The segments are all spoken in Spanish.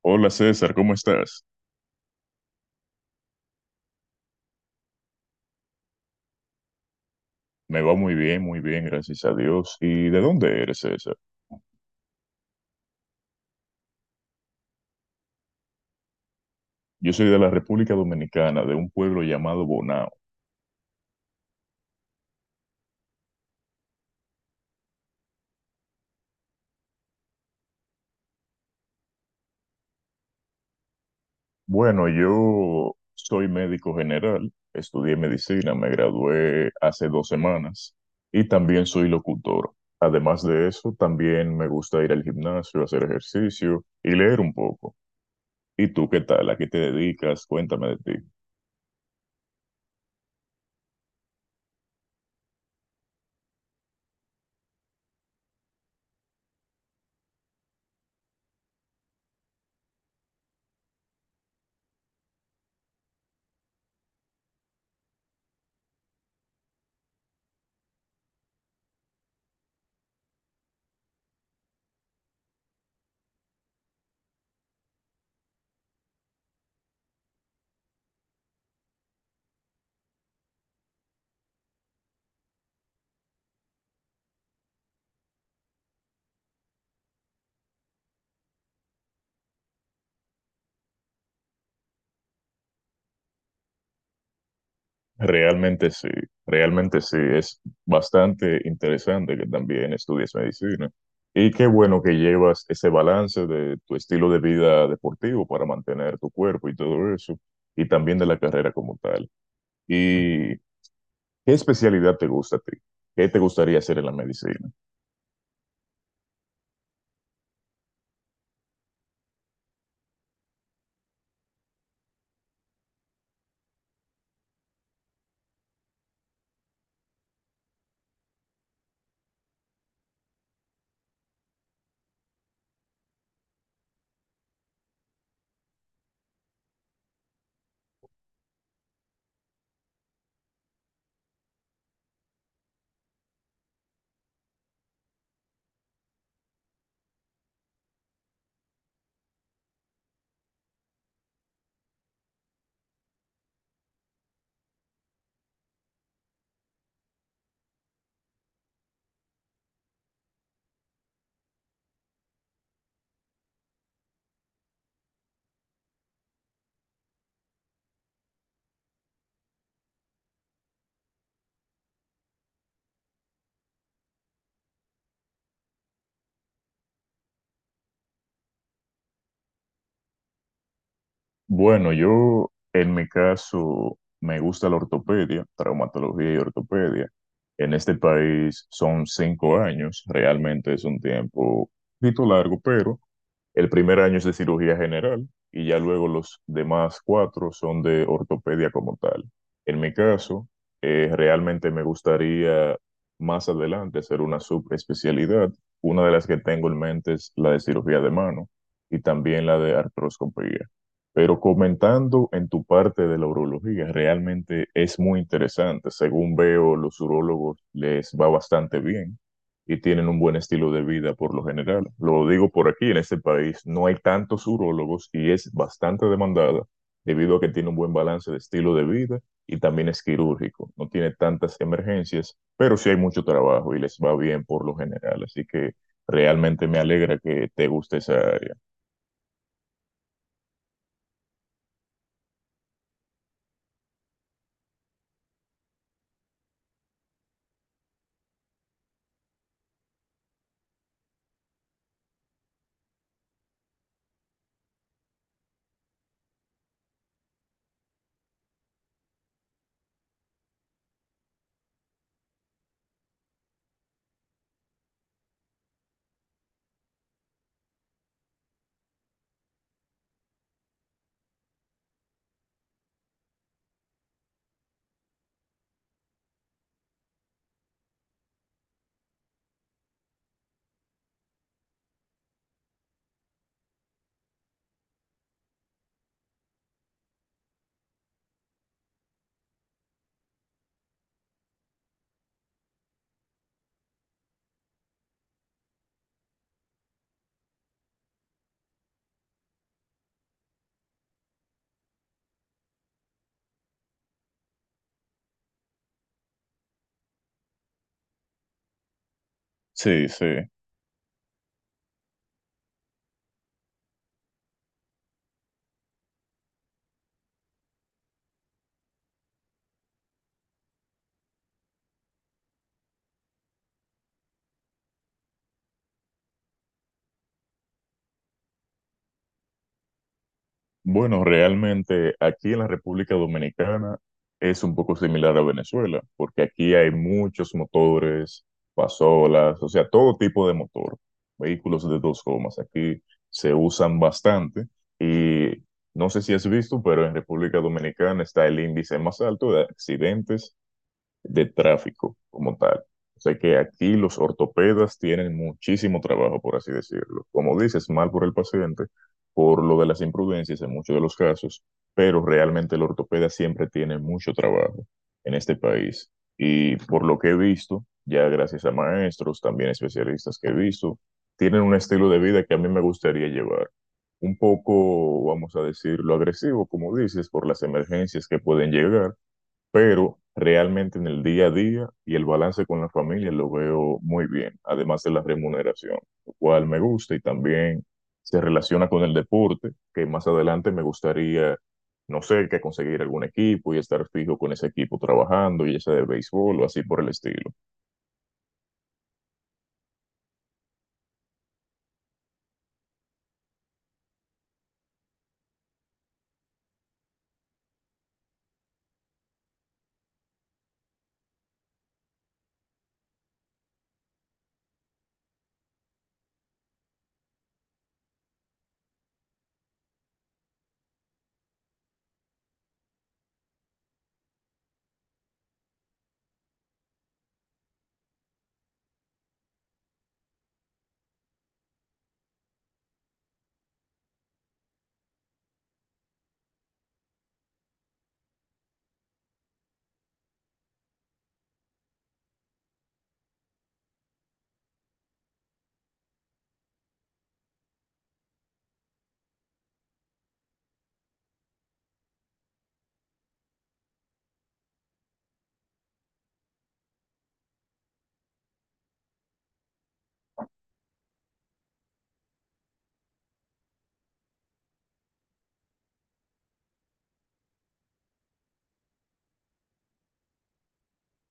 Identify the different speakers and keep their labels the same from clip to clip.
Speaker 1: Hola César, ¿cómo estás? Me va muy bien, gracias a Dios. ¿Y de dónde eres, César? Yo soy de la República Dominicana, de un pueblo llamado Bonao. Bueno, yo soy médico general, estudié medicina, me gradué hace dos semanas y también soy locutor. Además de eso, también me gusta ir al gimnasio, hacer ejercicio y leer un poco. ¿Y tú qué tal? ¿A qué te dedicas? Cuéntame de ti. Realmente sí, realmente sí, es bastante interesante que también estudies medicina. Y qué bueno que llevas ese balance de tu estilo de vida deportivo para mantener tu cuerpo y todo eso, y también de la carrera como tal. ¿Y qué especialidad te gusta a ti? ¿Qué te gustaría hacer en la medicina? Bueno, yo en mi caso me gusta la ortopedia, traumatología y ortopedia. En este país son 5 años, realmente es un tiempo un poquito largo, pero el primer año es de cirugía general y ya luego los demás 4 son de ortopedia como tal. En mi caso, realmente me gustaría más adelante hacer una subespecialidad. Una de las que tengo en mente es la de cirugía de mano y también la de artroscopía. Pero comentando en tu parte de la urología, realmente es muy interesante. Según veo, los urólogos les va bastante bien y tienen un buen estilo de vida por lo general. Lo digo por aquí, en este país no hay tantos urólogos y es bastante demandada debido a que tiene un buen balance de estilo de vida y también es quirúrgico. No tiene tantas emergencias, pero sí hay mucho trabajo y les va bien por lo general. Así que realmente me alegra que te guste esa área. Sí, sí. Bueno, realmente aquí en la República Dominicana es un poco similar a Venezuela, porque aquí hay muchos motores, pasolas, o sea, todo tipo de motor, vehículos de dos gomas, aquí se usan bastante y no sé si has visto, pero en República Dominicana está el índice más alto de accidentes de tráfico como tal. O sea que aquí los ortopedas tienen muchísimo trabajo, por así decirlo. Como dices, mal por el paciente, por lo de las imprudencias en muchos de los casos, pero realmente el ortopeda siempre tiene mucho trabajo en este país. Y por lo que he visto, ya gracias a maestros, también especialistas que he visto, tienen un estilo de vida que a mí me gustaría llevar. Un poco, vamos a decirlo, agresivo, como dices, por las emergencias que pueden llegar, pero realmente en el día a día y el balance con la familia lo veo muy bien, además de la remuneración, lo cual me gusta y también se relaciona con el deporte, que más adelante me gustaría, no sé, que conseguir algún equipo y estar fijo con ese equipo trabajando, ya sea de béisbol o así por el estilo.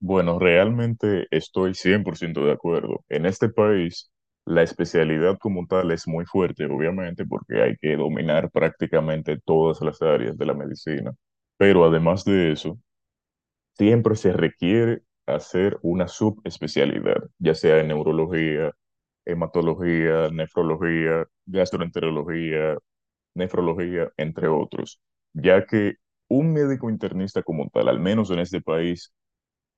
Speaker 1: Bueno, realmente estoy 100% de acuerdo. En este país, la especialidad como tal es muy fuerte, obviamente, porque hay que dominar prácticamente todas las áreas de la medicina. Pero además de eso, siempre se requiere hacer una subespecialidad, ya sea en neurología, hematología, nefrología, gastroenterología, nefrología, entre otros, ya que un médico internista como tal, al menos en este país,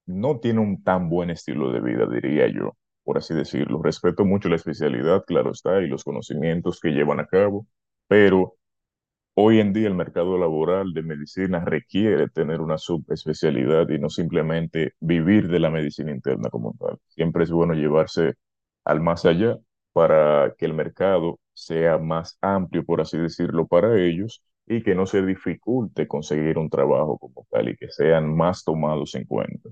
Speaker 1: no tiene un tan buen estilo de vida, diría yo, por así decirlo. Respeto mucho la especialidad, claro está, y los conocimientos que llevan a cabo, pero hoy en día el mercado laboral de medicina requiere tener una subespecialidad y no simplemente vivir de la medicina interna como tal. Siempre es bueno llevarse al más allá para que el mercado sea más amplio, por así decirlo, para ellos y que no se dificulte conseguir un trabajo como tal y que sean más tomados en cuenta.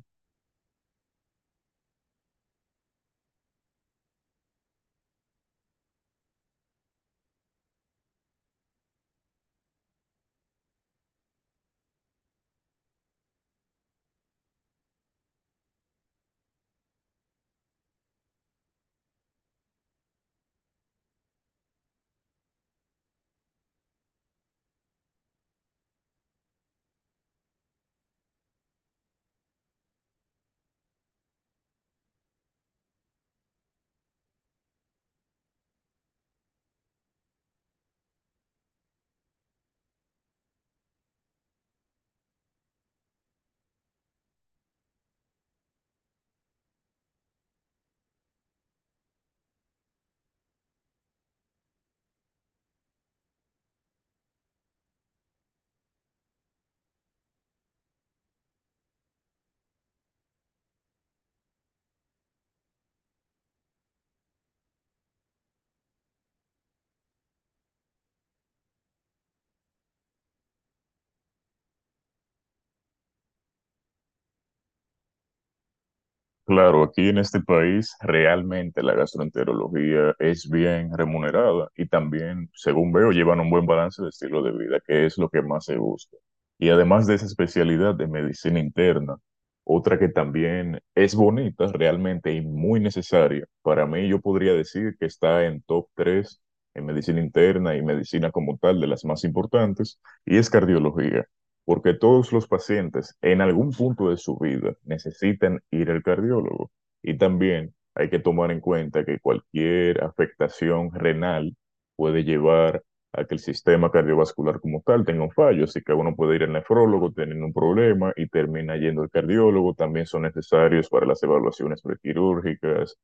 Speaker 1: Claro, aquí en este país realmente la gastroenterología es bien remunerada y también, según veo, llevan un buen balance de estilo de vida, que es lo que más se busca. Y además de esa especialidad de medicina interna, otra que también es bonita realmente y muy necesaria, para mí yo podría decir que está en top 3 en medicina interna y medicina como tal de las más importantes, y es cardiología porque todos los pacientes en algún punto de su vida necesitan ir al cardiólogo. Y también hay que tomar en cuenta que cualquier afectación renal puede llevar a que el sistema cardiovascular como tal tenga un fallo, así que uno puede ir al nefrólogo teniendo un problema y termina yendo al cardiólogo, también son necesarios para las evaluaciones prequirúrgicas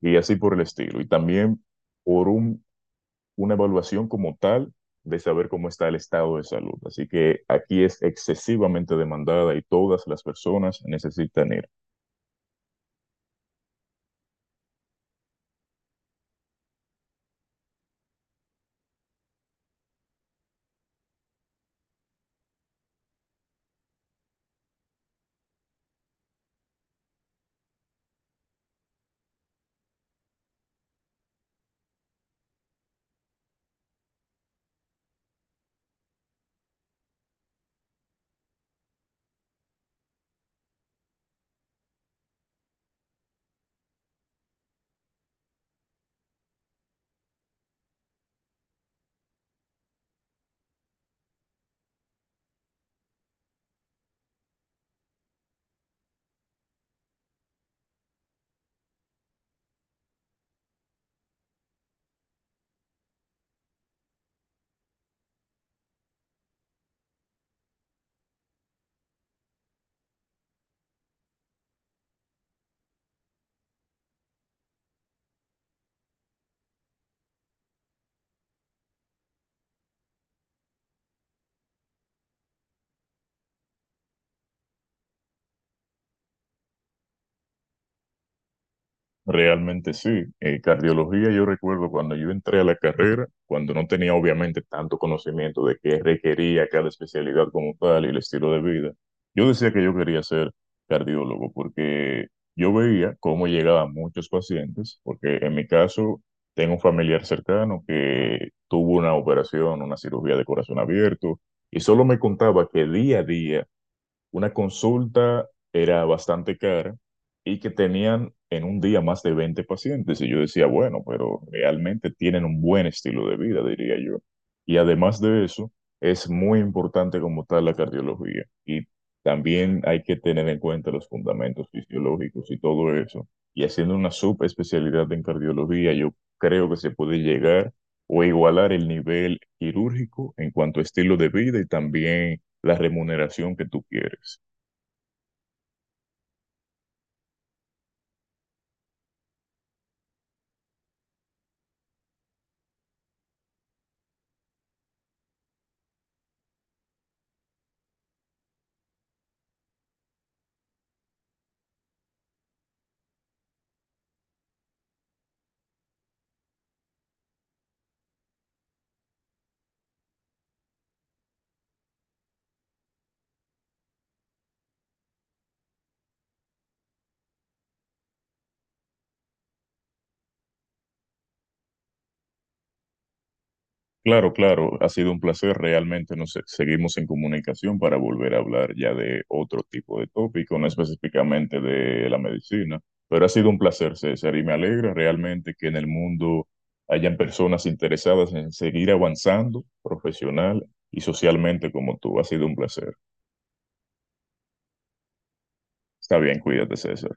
Speaker 1: y así por el estilo. Y también por un una evaluación como tal de saber cómo está el estado de salud. Así que aquí es excesivamente demandada y todas las personas necesitan ir. Realmente sí. Cardiología, yo recuerdo cuando yo entré a la carrera, cuando no tenía obviamente tanto conocimiento de qué requería cada especialidad como tal y el estilo de vida, yo decía que yo quería ser cardiólogo porque yo veía cómo llegaban muchos pacientes, porque en mi caso tengo un familiar cercano que tuvo una operación, una cirugía de corazón abierto, y solo me contaba que día a día una consulta era bastante cara y que tenían en un día más de 20 pacientes. Y yo decía, bueno, pero realmente tienen un buen estilo de vida, diría yo. Y además de eso, es muy importante como tal la cardiología. Y también hay que tener en cuenta los fundamentos fisiológicos y todo eso. Y haciendo una subespecialidad en cardiología, yo creo que se puede llegar o igualar el nivel quirúrgico en cuanto a estilo de vida y también la remuneración que tú quieres. Claro, claro, ha sido un placer. Realmente nos seguimos en comunicación para volver a hablar ya de otro tipo de tópico, no específicamente de la medicina, pero ha sido un placer, César, y me alegra realmente que en el mundo hayan personas interesadas en seguir avanzando profesional y socialmente como tú. Ha sido un placer. Está bien, cuídate, César.